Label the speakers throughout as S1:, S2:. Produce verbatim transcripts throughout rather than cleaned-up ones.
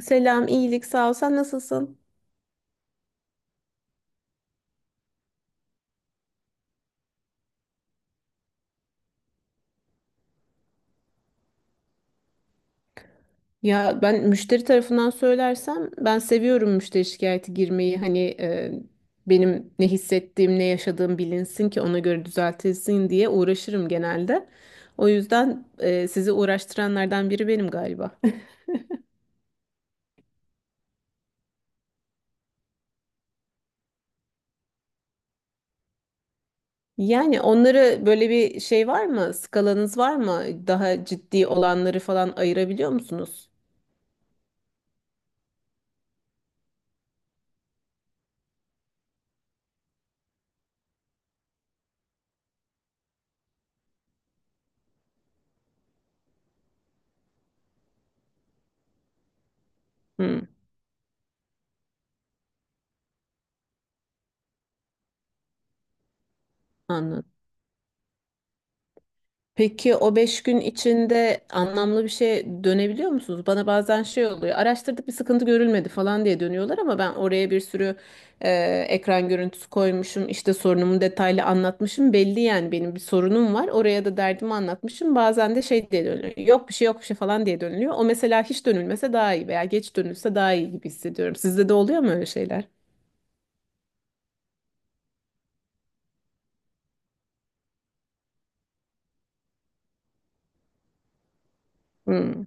S1: Selam, iyilik, sağ ol. Sen nasılsın? Ya ben müşteri tarafından söylersem ben seviyorum müşteri şikayeti girmeyi. Hani e, benim ne hissettiğim, ne yaşadığım bilinsin ki ona göre düzeltilsin diye uğraşırım genelde. O yüzden e, sizi uğraştıranlardan biri benim galiba. Yani onları böyle bir şey var mı? Skalanız var mı? Daha ciddi olanları falan ayırabiliyor musunuz? Hı, anladım. Peki o beş gün içinde anlamlı bir şey dönebiliyor musunuz? Bana bazen şey oluyor. Araştırdık bir sıkıntı görülmedi falan diye dönüyorlar ama ben oraya bir sürü e, ekran görüntüsü koymuşum. İşte sorunumu detaylı anlatmışım. Belli yani benim bir sorunum var. Oraya da derdimi anlatmışım. Bazen de şey diye dönüyor. Yok bir şey yok bir şey falan diye dönülüyor. O mesela hiç dönülmese daha iyi veya geç dönülse daha iyi gibi hissediyorum. Sizde de oluyor mu öyle şeyler? Hmm.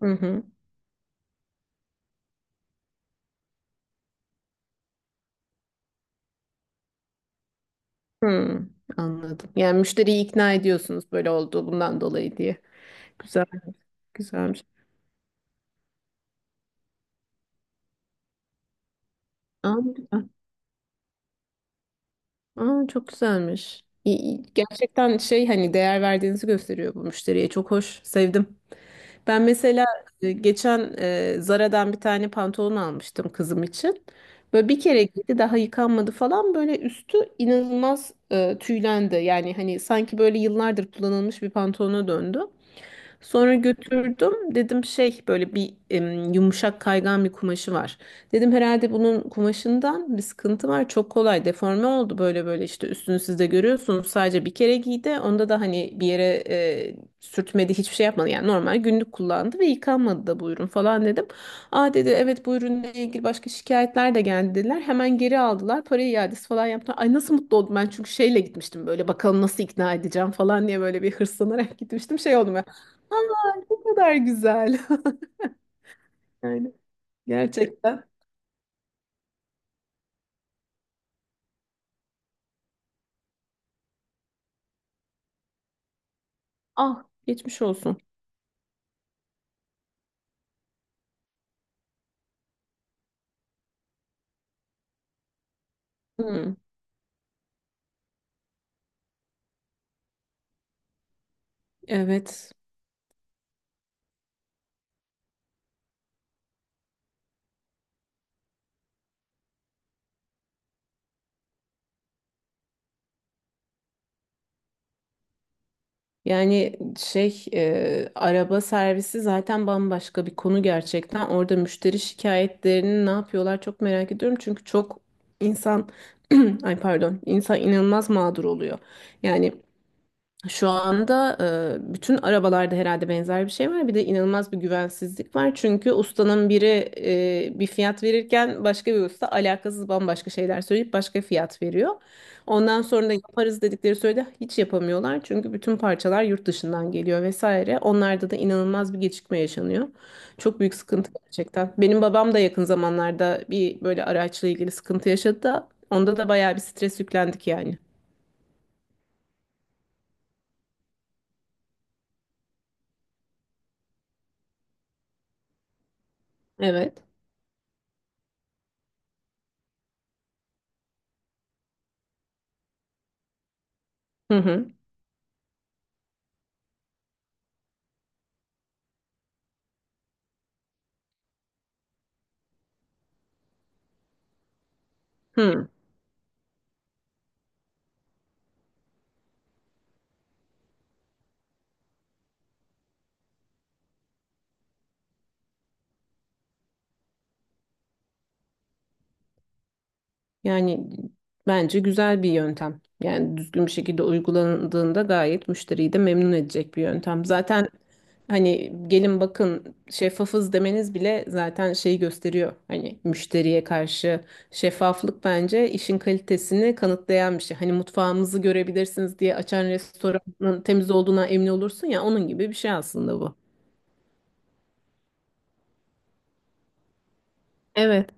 S1: Hı hı. Hmm. Anladım. Yani müşteriyi ikna ediyorsunuz böyle oldu bundan dolayı diye. Güzel. Güzelmiş. Aa, güzel. Aa, çok güzelmiş. İyi- iyi. Gerçekten şey hani değer verdiğinizi gösteriyor bu müşteriye. Çok hoş. Sevdim. Ben mesela e, geçen e, Zara'dan bir tane pantolon almıştım kızım için. Böyle bir kere giydi daha yıkanmadı falan böyle üstü inanılmaz e, tüylendi. Yani hani sanki böyle yıllardır kullanılmış bir pantolona döndü. Sonra götürdüm. Dedim şey böyle bir em, yumuşak kaygan bir kumaşı var. Dedim herhalde bunun kumaşından bir sıkıntı var. Çok kolay deforme oldu böyle böyle işte üstünü siz de görüyorsunuz. Sadece bir kere giydi. Onda da hani bir yere e, sürtmedi hiçbir şey yapmadı. Yani normal günlük kullandı ve yıkanmadı da bu ürün falan dedim. Aa dedi evet bu ürünle ilgili başka şikayetler de geldi dediler. Hemen geri aldılar. Parayı iadesi falan yaptılar. Ay nasıl mutlu oldum ben çünkü şeyle gitmiştim böyle bakalım nasıl ikna edeceğim falan diye böyle bir hırslanarak gitmiştim. Şey oldum. Aa, ne kadar güzel. Yani evet, gerçekten. Ah, geçmiş olsun. Hmm, evet. Yani şey e, araba servisi zaten bambaşka bir konu gerçekten. Orada müşteri şikayetlerini ne yapıyorlar çok merak ediyorum. Çünkü çok insan ay pardon insan inanılmaz mağdur oluyor. Yani şu anda e, bütün arabalarda herhalde benzer bir şey var. Bir de inanılmaz bir güvensizlik var. Çünkü ustanın biri e, bir fiyat verirken başka bir usta alakasız bambaşka şeyler söyleyip başka fiyat veriyor. Ondan sonra da yaparız dedikleri sürede hiç yapamıyorlar. Çünkü bütün parçalar yurt dışından geliyor vesaire. Onlarda da inanılmaz bir gecikme yaşanıyor. Çok büyük sıkıntı gerçekten. Benim babam da yakın zamanlarda bir böyle araçla ilgili sıkıntı yaşadı da onda da bayağı bir stres yüklendik yani. Evet. Hı hı. Hı. Yani bence güzel bir yöntem. Yani düzgün bir şekilde uygulandığında gayet müşteriyi de memnun edecek bir yöntem. Zaten hani gelin bakın şeffafız demeniz bile zaten şeyi gösteriyor. Hani müşteriye karşı şeffaflık bence işin kalitesini kanıtlayan bir şey. Hani mutfağımızı görebilirsiniz diye açan restoranın temiz olduğuna emin olursun ya onun gibi bir şey aslında bu. Evet.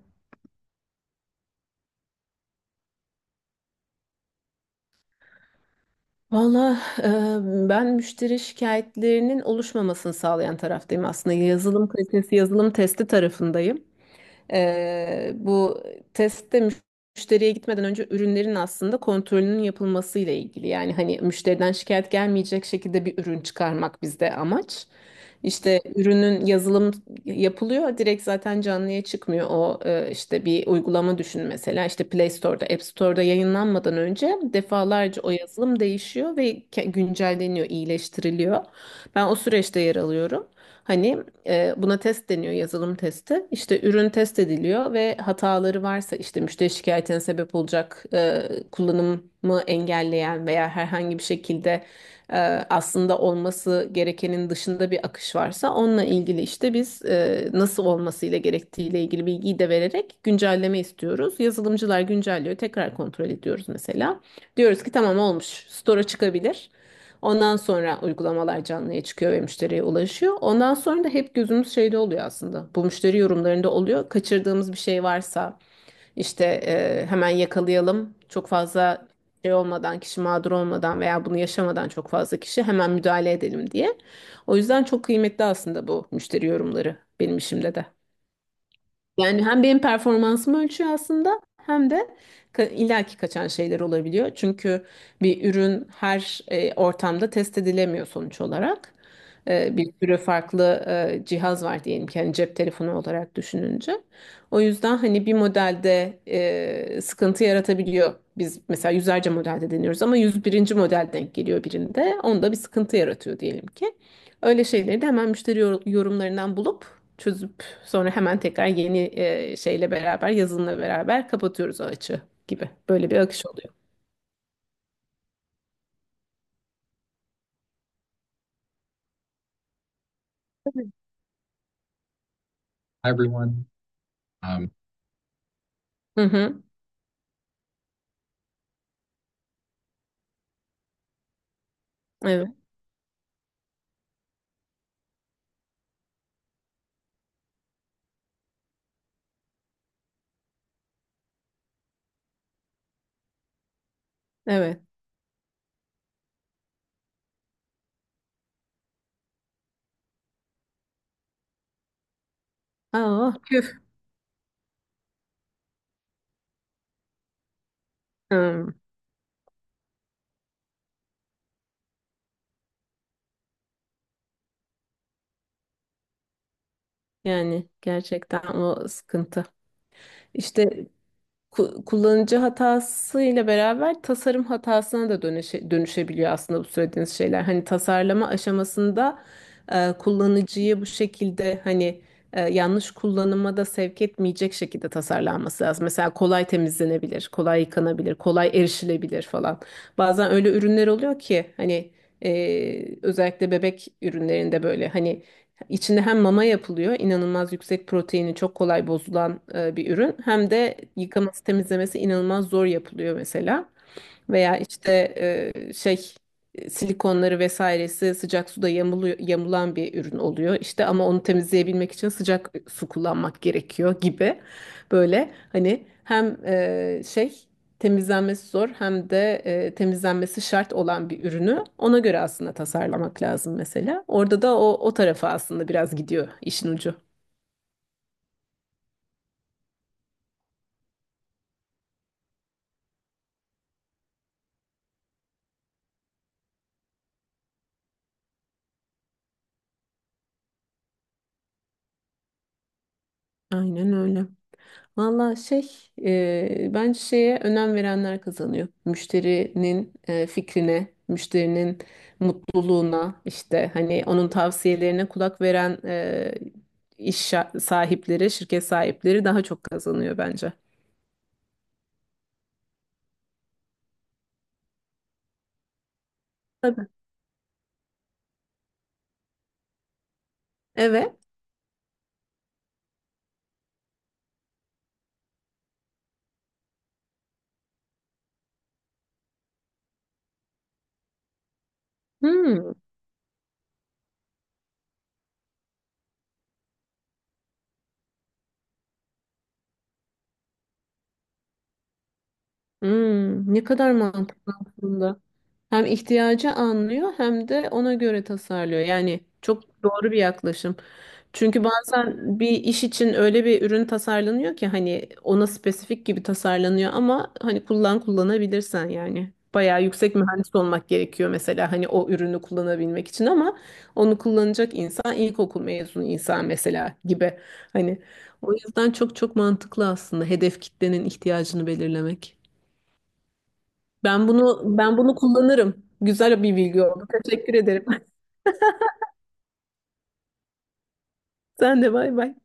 S1: Valla e, ben müşteri şikayetlerinin oluşmamasını sağlayan taraftayım aslında. Yazılım kalitesi, yazılım testi tarafındayım. Ee, bu testte müşteriye gitmeden önce ürünlerin aslında kontrolünün yapılması ile ilgili. Yani hani müşteriden şikayet gelmeyecek şekilde bir ürün çıkarmak bizde amaç. İşte ürünün yazılım yapılıyor. Direkt zaten canlıya çıkmıyor. O e, işte bir uygulama düşün mesela. İşte Play Store'da, App Store'da yayınlanmadan önce defalarca o yazılım değişiyor ve ke- güncelleniyor, iyileştiriliyor. Ben o süreçte yer alıyorum. Hani e, buna test deniyor, yazılım testi. İşte ürün test ediliyor ve hataları varsa işte müşteri şikayetine sebep olacak e, kullanımı engelleyen veya herhangi bir şekilde e, aslında olması gerekenin dışında bir akış varsa onunla ilgili işte biz e, nasıl olmasıyla gerektiğiyle ilgili bilgiyi de vererek güncelleme istiyoruz. Yazılımcılar güncelliyor, tekrar kontrol ediyoruz mesela. Diyoruz ki tamam olmuş, store'a çıkabilir. Ondan sonra uygulamalar canlıya çıkıyor ve müşteriye ulaşıyor. Ondan sonra da hep gözümüz şeyde oluyor aslında. Bu müşteri yorumlarında oluyor. Kaçırdığımız bir şey varsa işte e, hemen yakalayalım. Çok fazla şey olmadan, kişi mağdur olmadan veya bunu yaşamadan çok fazla kişi hemen müdahale edelim diye. O yüzden çok kıymetli aslında bu müşteri yorumları benim işimde de. Yani hem benim performansımı ölçüyor aslında hem de ka illaki kaçan şeyler olabiliyor. Çünkü bir ürün her e, ortamda test edilemiyor sonuç olarak. E, bir sürü farklı e, cihaz var diyelim ki hani cep telefonu olarak düşününce. O yüzden hani bir modelde e, sıkıntı yaratabiliyor. Biz mesela yüzlerce modelde deniyoruz ama yüz birinci model denk geliyor birinde. Onda bir sıkıntı yaratıyor diyelim ki. Öyle şeyleri de hemen müşteri yor- yorumlarından bulup çözüp. Sonra hemen tekrar yeni e, şeyle beraber, yazınla beraber kapatıyoruz o açığı gibi. Böyle bir akış oluyor. Everyone. Um, Hı hı. Evet, evet. Aa, küf. Hmm. Yani gerçekten o sıkıntı. İşte ku- kullanıcı hatasıyla beraber tasarım hatasına da dönüşe, dönüşebiliyor aslında bu söylediğiniz şeyler. Hani tasarlama aşamasında e, kullanıcıyı bu şekilde hani e, yanlış kullanıma da sevk etmeyecek şekilde tasarlanması lazım. Mesela kolay temizlenebilir, kolay yıkanabilir, kolay erişilebilir falan. Bazen öyle ürünler oluyor ki hani e, özellikle bebek ürünlerinde böyle hani İçinde hem mama yapılıyor, inanılmaz yüksek proteini çok kolay bozulan e, bir ürün. Hem de yıkaması, temizlemesi inanılmaz zor yapılıyor mesela. Veya işte e, şey e, silikonları vesairesi sıcak suda yamuluyor, yamulan bir ürün oluyor. İşte ama onu temizleyebilmek için sıcak su kullanmak gerekiyor gibi. Böyle hani hem e, şey temizlenmesi zor hem de e, temizlenmesi şart olan bir ürünü ona göre aslında tasarlamak lazım mesela. Orada da o, o tarafa aslında biraz gidiyor işin ucu. Aynen öyle. Valla şey e, bence şeye önem verenler kazanıyor. Müşterinin e, fikrine, müşterinin mutluluğuna işte hani onun tavsiyelerine kulak veren e, iş şa- sahipleri, şirket sahipleri daha çok kazanıyor bence. Tabii. Evet. Hmm. Hmm, ne kadar mantıklı aslında. Hem ihtiyacı anlıyor hem de ona göre tasarlıyor. Yani çok doğru bir yaklaşım. Çünkü bazen bir iş için öyle bir ürün tasarlanıyor ki hani ona spesifik gibi tasarlanıyor ama hani kullan kullanabilirsen yani. Bayağı yüksek mühendis olmak gerekiyor mesela hani o ürünü kullanabilmek için ama onu kullanacak insan ilkokul mezunu insan mesela gibi. Hani o yüzden çok çok mantıklı aslında hedef kitlenin ihtiyacını belirlemek. Ben bunu ben bunu kullanırım. Güzel bir bilgi oldu. Teşekkür ederim. Sen de bay bay.